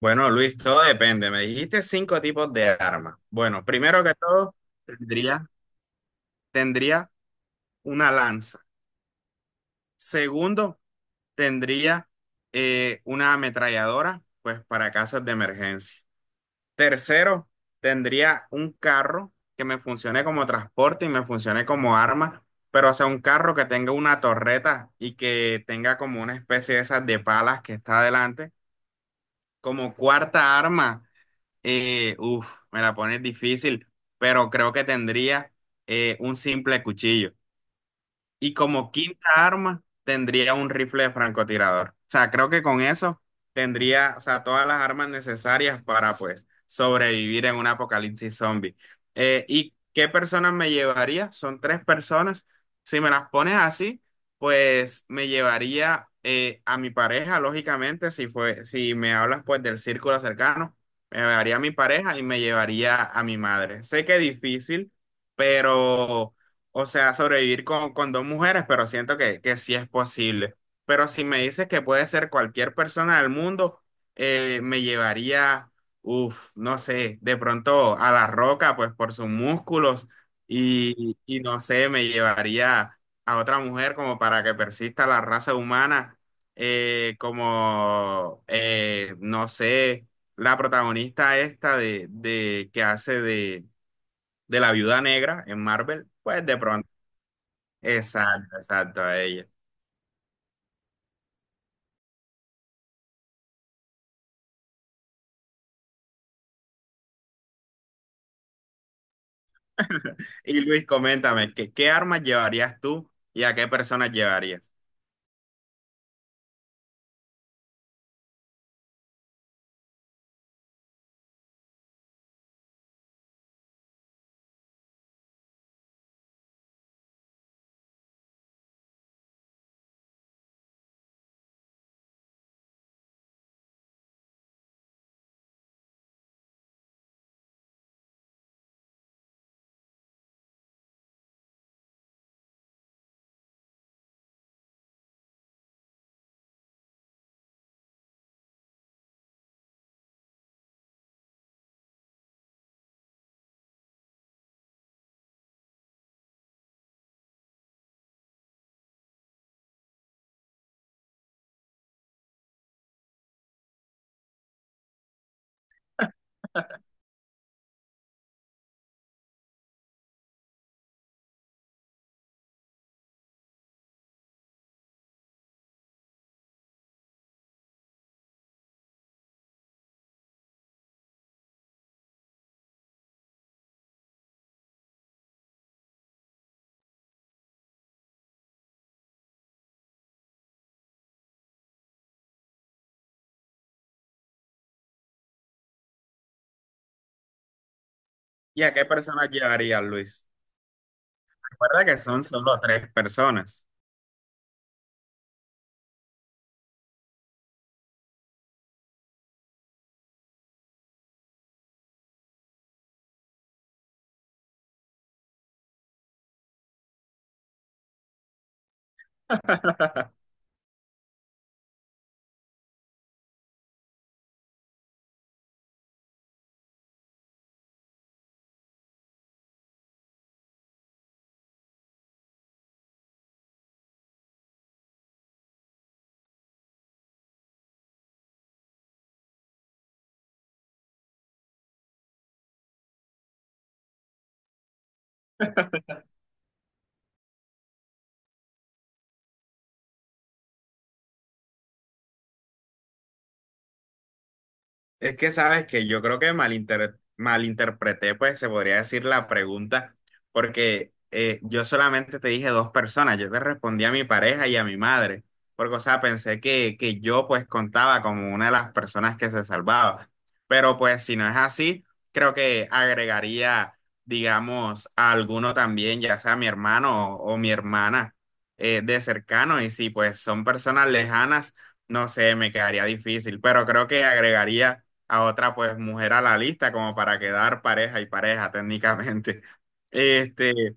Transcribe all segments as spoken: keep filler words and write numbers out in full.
Bueno, Luis, todo depende. Me dijiste cinco tipos de armas. Bueno, primero que todo, tendría, tendría una lanza. Segundo, tendría eh, una ametralladora, pues para casos de emergencia. Tercero, tendría un carro que me funcione como transporte y me funcione como arma, pero o sea, un carro que tenga una torreta y que tenga como una especie de esas de palas que está adelante. Como cuarta arma. Eh, uf, me la pones difícil, pero creo que tendría eh, un simple cuchillo. Y como quinta arma, tendría un rifle de francotirador. O sea, creo que con eso tendría, o sea, todas las armas necesarias para, pues, sobrevivir en un apocalipsis zombie. Eh, ¿y qué personas me llevaría? Son tres personas. Si me las pones así, pues me llevaría eh, a mi pareja, lógicamente, si fue, si me hablas, pues, del círculo cercano, me llevaría a mi pareja y me llevaría a mi madre. Sé que es difícil, pero... O sea, sobrevivir con, con dos mujeres, pero siento que, que sí es posible. Pero si me dices que puede ser cualquier persona del mundo, eh, me llevaría, uff, no sé, de pronto a La Roca, pues por sus músculos, y, y no sé, me llevaría a otra mujer como para que persista la raza humana, eh, como, eh, no sé, la protagonista esta de, de que hace de, de la viuda negra en Marvel, pues de pronto. Exacto, exacto, a ella. Y Luis, coméntame, ¿qué, qué armas llevarías tú y a qué personas llevarías? ¿Y a qué personas llevarías, Luis? Recuerda que son solo tres personas. Es que sabes que yo creo que malinter- malinterpreté, pues se podría decir la pregunta, porque eh, yo solamente te dije dos personas, yo te respondí a mi pareja y a mi madre, porque o sea, pensé que, que yo pues contaba como una de las personas que se salvaba, pero pues si no es así, creo que agregaría, digamos, a alguno también, ya sea mi hermano o, o mi hermana eh, de cercano, y si pues son personas lejanas, no sé, me quedaría difícil, pero creo que agregaría a otra pues mujer a la lista como para quedar pareja y pareja técnicamente. Este,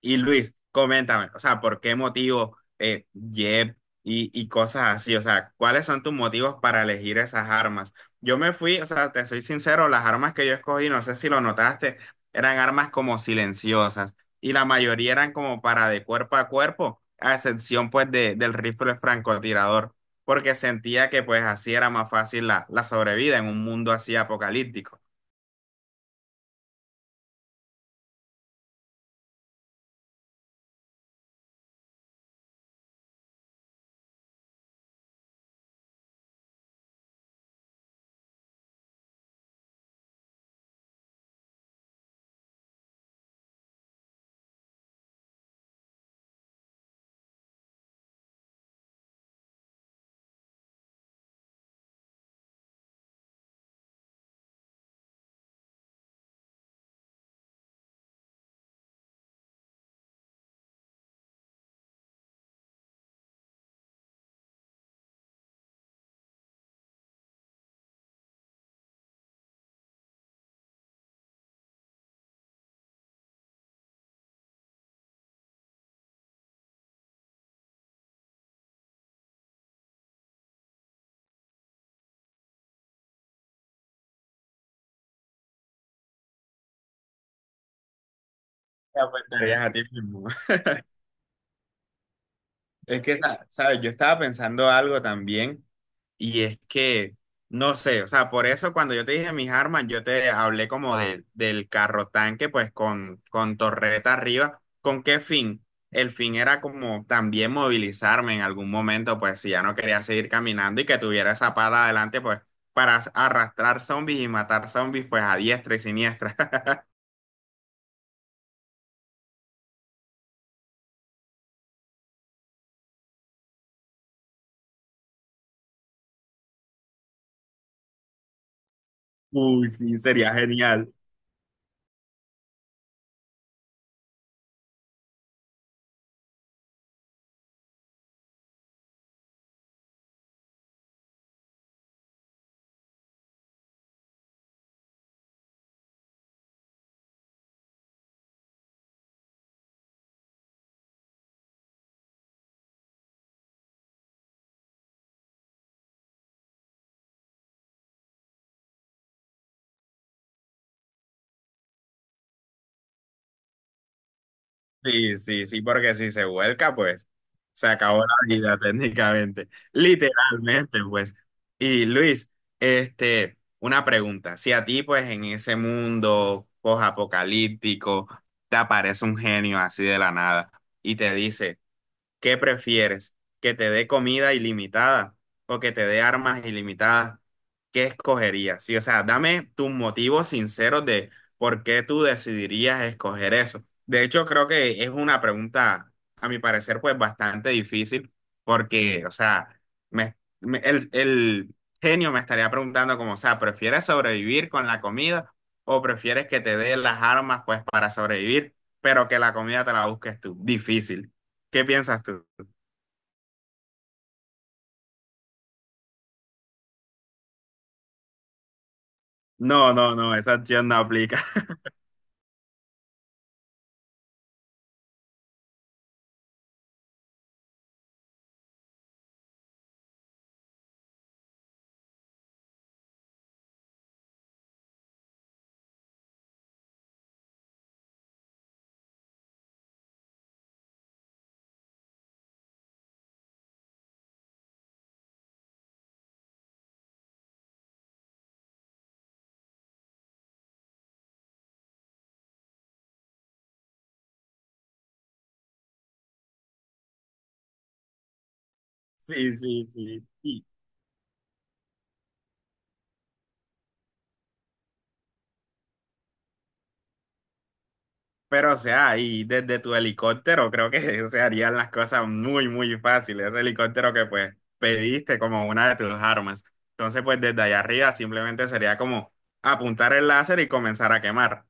y Luis, coméntame, o sea, ¿por qué motivo eh, Jeb y, y cosas así? O sea, ¿cuáles son tus motivos para elegir esas armas? Yo me fui, o sea, te soy sincero, las armas que yo escogí, no sé si lo notaste, eran armas como silenciosas y la mayoría eran como para de cuerpo a cuerpo, a excepción pues de, del rifle francotirador, porque sentía que pues así era más fácil la, la sobrevida en un mundo así apocalíptico. Te apuntarías a ti mismo. Es que, sa- ¿sabes? Yo estaba pensando algo también. Y es que, no sé, o sea, por eso cuando yo te dije mis armas, yo te hablé como de- del carro tanque, pues con, con torreta arriba. ¿Con qué fin? El fin era como también movilizarme en algún momento, pues si ya no quería seguir caminando y que tuviera esa pala adelante, pues para as- arrastrar zombies y matar zombies, pues a diestra y siniestra. Uy, sí, sería genial. Sí, sí, sí, porque si se vuelca, pues se acabó la vida técnicamente, literalmente, pues. Y Luis, este, una pregunta, si a ti, pues, en ese mundo post-apocalíptico, te aparece un genio así de la nada y te dice, ¿qué prefieres? ¿Que te dé comida ilimitada o que te dé armas ilimitadas? ¿Qué escogerías? Sí, o sea, dame tus motivos sinceros de por qué tú decidirías escoger eso. De hecho, creo que es una pregunta, a mi parecer, pues bastante difícil porque, o sea, me- me- el, el genio me estaría preguntando como, o sea, ¿prefieres sobrevivir con la comida o prefieres que te dé las armas pues para sobrevivir, pero que la comida te la busques tú? Difícil. ¿Qué piensas tú? No, no, no, esa acción no aplica. Sí, sí, sí. Y- Pero, o sea, y desde tu helicóptero creo que se harían las cosas muy, muy fáciles. Ese helicóptero que pues pediste como una de tus armas. Entonces, pues desde allá arriba simplemente sería como apuntar el láser y comenzar a quemar.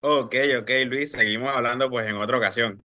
Ok, ok, Luis, seguimos hablando pues en otra ocasión.